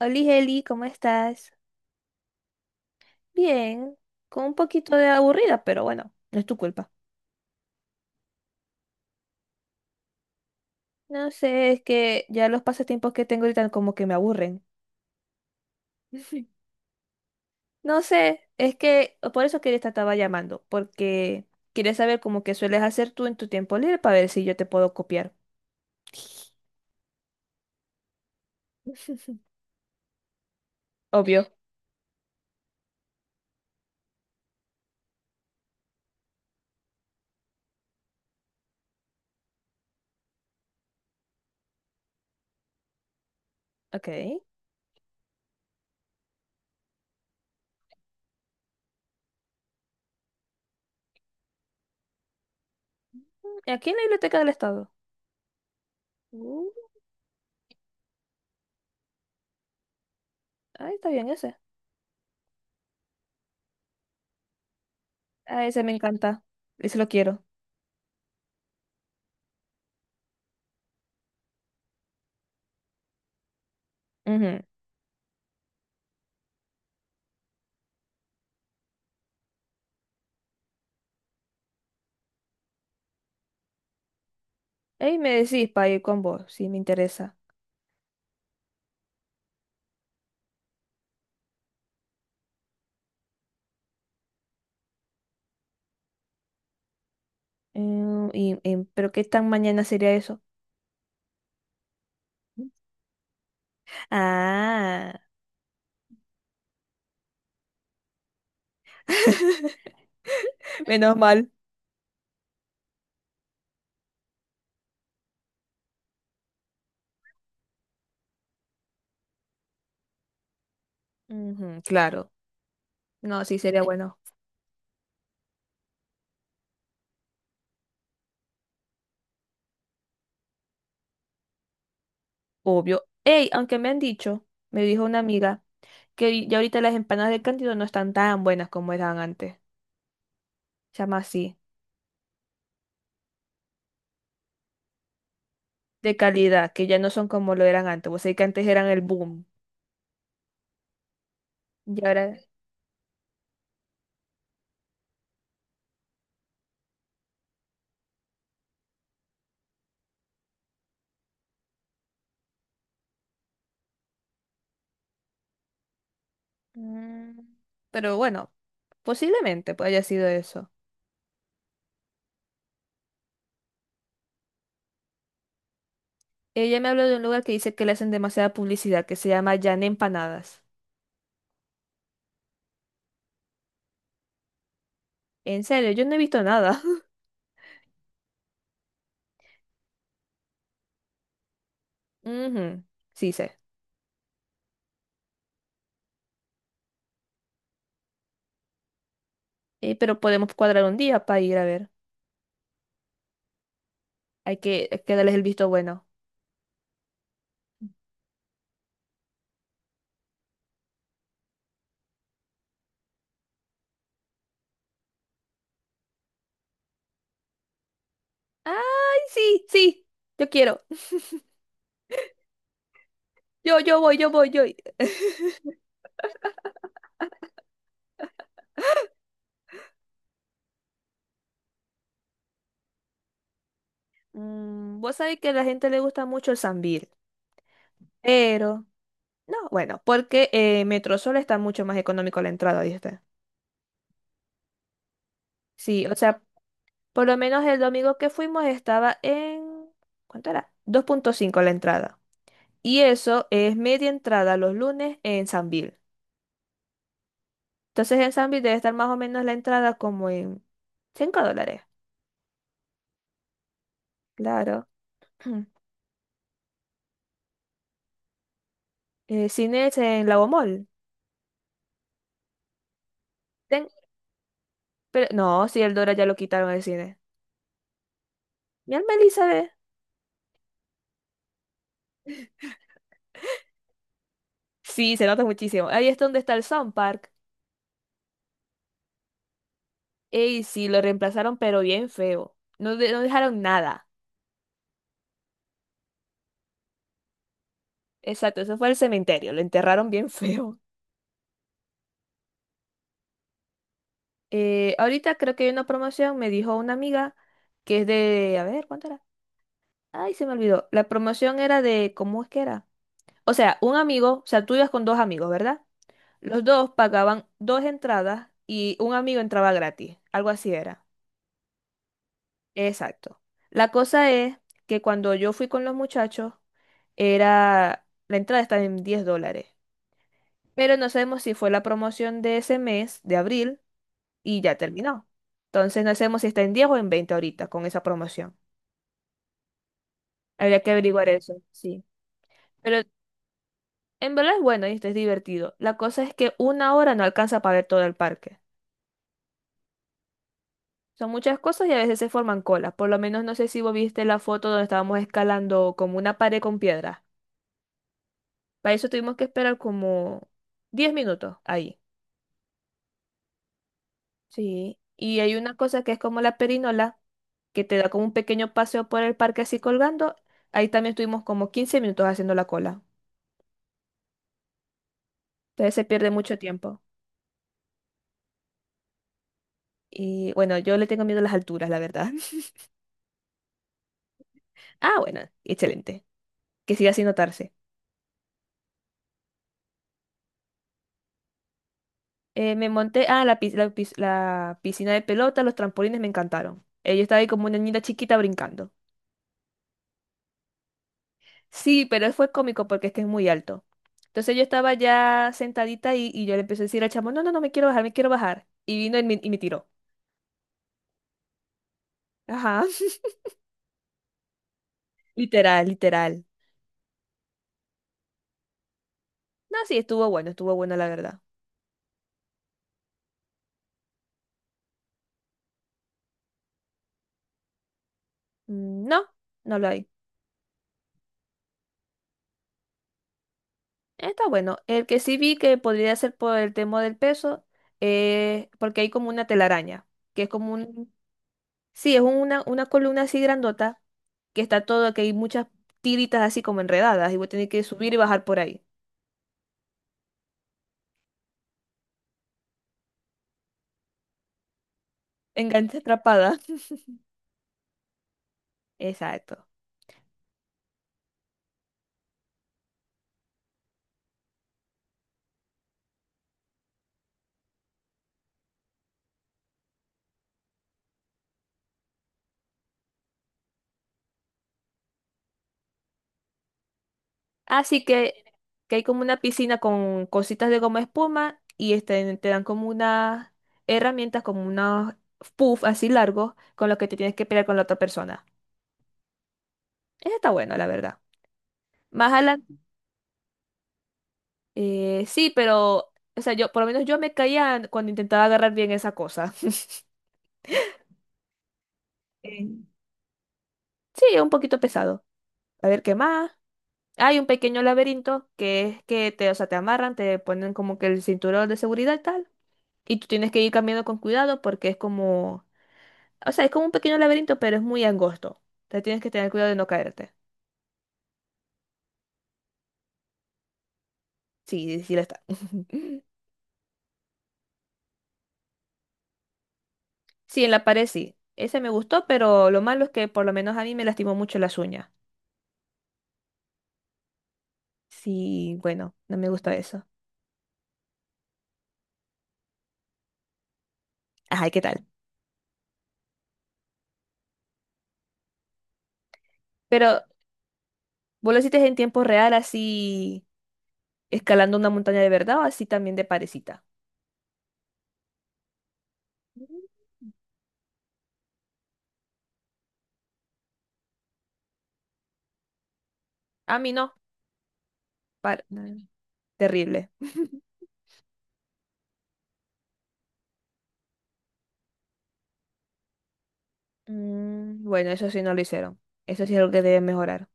Oli, Eli, ¿cómo estás? Bien, con un poquito de aburrida, pero bueno, no es tu culpa. No sé, es que ya los pasatiempos que tengo ahorita como que me aburren. No sé, es que por eso quería te estaba llamando, porque quería saber cómo que sueles hacer tú en tu tiempo libre para ver si yo te puedo copiar. Obvio. Ok. Aquí en la biblioteca del Estado. Uh, ahí está bien ese. Ah, ese me encanta. Ese lo quiero. Ujú. Ey, me decís para ir con vos, si me interesa. Mm, ¿pero qué tan mañana sería eso? Ah, menos mal. Ujú, claro. No, sí sería bueno. Obvio. Ey, aunque me han dicho, me dijo una amiga, que ya ahorita las empanadas de Cándido no están tan buenas como eran antes. Se llama así. De calidad, que ya no son como lo eran antes. Vos sabés que antes eran el boom. Y ahora. mm, pero bueno, posiblemente pues haya sido eso. Ella me habló de un lugar que dice que le hacen demasiada publicidad, que se llama Jan Empanadas. En serio, yo no he visto nada. Ujú, sí sé. Pero podemos cuadrar un día para ir a ver. Hay que darles el visto bueno. ¡Ay, sí, sí! Yo quiero. Yo voy, yo voy, yo. Vos sabés que a la gente le gusta mucho el Sambil. Pero, no, bueno, porque Metrosol está mucho más económico la entrada, ¿viste? Sí, o sea, por lo menos el domingo que fuimos estaba en... ¿Cuánto era? 2.5 la entrada. Y eso es media entrada los lunes en Sambil. Entonces en Sambil debe estar más o menos la entrada como en $5. Claro. Cine es en Lagomall. Ten- Pero no, si el Dora ya lo quitaron el cine. Mi alma Elizabeth. Sí, se nota muchísimo. Ahí es donde está el Sound Park. Ey, sí, lo reemplazaron, pero bien feo. No, no dejaron nada. Exacto, eso fue el cementerio. Lo enterraron bien feo. Ahorita creo que hay una promoción, me dijo una amiga, que es de. A ver, ¿cuánto era? Ay, se me olvidó. La promoción era de. ¿Cómo es que era? O sea, un amigo, o sea, tú ibas con dos amigos, ¿verdad? Los dos pagaban dos entradas y un amigo entraba gratis, algo así era. Exacto. La cosa es que cuando yo fui con los muchachos, la entrada estaba en $10, pero no sabemos si fue la promoción de ese mes, de abril, y ya terminó. Entonces no sabemos si está en 10 o en 20 ahorita con esa promoción. Habría que averiguar eso, sí. Pero en verdad es bueno y es divertido. La cosa es que una hora no alcanza para ver todo el parque. Son muchas cosas y a veces se forman colas. Por lo menos no sé si vos viste la foto donde estábamos escalando como una pared con piedra. Para eso tuvimos que esperar como 10 minutos ahí. Sí. Y hay una cosa que es como la perinola, que te da como un pequeño paseo por el parque así colgando. Ahí también estuvimos como 15 minutos haciendo la cola. Entonces se pierde mucho tiempo. Y bueno, yo le tengo miedo a las alturas, la verdad. Ah, bueno, excelente. Que siga sin notarse. Me monté, ah, la piscina de pelota, los trampolines me encantaron. Yo estaba ahí como una niña chiquita brincando. Sí, pero fue cómico porque es que es muy alto. Entonces yo estaba ya sentadita ahí y yo le empecé a decir al chamo, no, no, no, me quiero bajar, me quiero bajar. Y vino y me tiró. Ajá, literal, literal. No, sí, estuvo bueno la verdad. No, no lo hay. Está bueno. El que sí vi que podría ser por el tema del peso, porque hay como una telaraña, que es como un, sí, es una columna así grandota que está todo, que hay muchas tiritas así como enredadas y voy a tener que subir y bajar por ahí. Enganche atrapada. Exacto. Así que hay como una piscina con cositas de goma espuma y este, te dan como unas herramientas, como unos puff así largos con los que te tienes que pelear con la otra persona. Eso está bueno, la verdad. Más adelante, sí, pero, o sea, yo, por lo menos yo me caía cuando intentaba agarrar bien esa cosa. Eh, sí, es un poquito pesado. A ver, ¿qué más? Hay un pequeño laberinto que es que te, o sea, te amarran, te ponen como que el cinturón de seguridad y tal, y tú tienes que ir caminando con cuidado porque es como, o sea, es como un pequeño laberinto, pero es muy angosto. Te tienes que tener cuidado de no caerte. Sí, sí lo está. Sí, en la pared sí. Ese me gustó, pero lo malo es que por lo menos a mí me lastimó mucho las uñas. Sí, bueno, no me gusta eso. Ajá, ¿y qué tal? Pero, ¿vos lo hiciste en tiempo real así escalando una montaña de verdad o así también de parecita? A mí no. Para- Terrible. Bueno, eso sí no lo hicieron. Eso sí es algo que deben mejorar.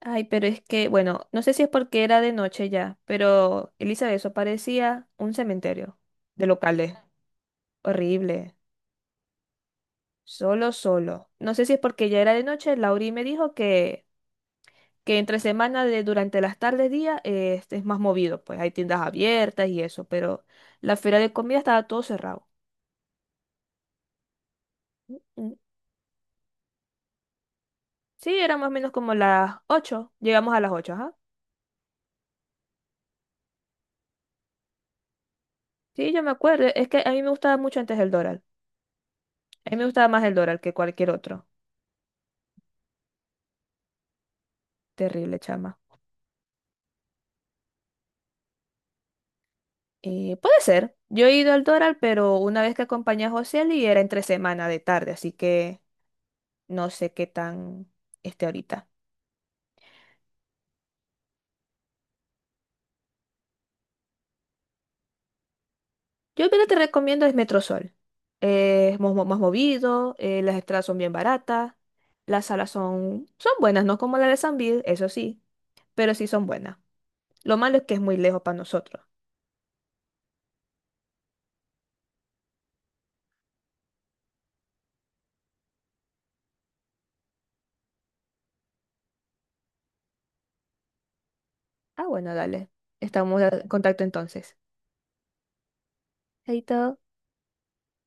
Ay, pero es que, bueno, no sé si es porque era de noche ya, pero Elizabeth, eso parecía un cementerio de locales. Horrible. Solo, solo. No sé si es porque ya era de noche. Lauri me dijo que entre semana, durante las tardes, día, este es más movido. Pues hay tiendas abiertas y eso, pero la feria de comida estaba todo cerrado. Mm, Sí, eran más o menos como las 8. Llegamos a las 8. Sí, yo me acuerdo. Es que a mí me gustaba mucho antes el Doral. A mí me gustaba más el Doral que cualquier otro. Terrible, chama. Puede ser. Yo he ido al Doral, pero una vez que acompañé a José y era entre semana de tarde, así que no sé qué tan esté ahorita. Yo lo que te recomiendo es Metrosol. Es movido, las entradas son bien baratas, las salas son, son buenas, no como la de San Bill, eso sí, pero sí son buenas. Lo malo es que es muy lejos para nosotros. Ah, bueno, dale. Estamos en contacto entonces. Chaito.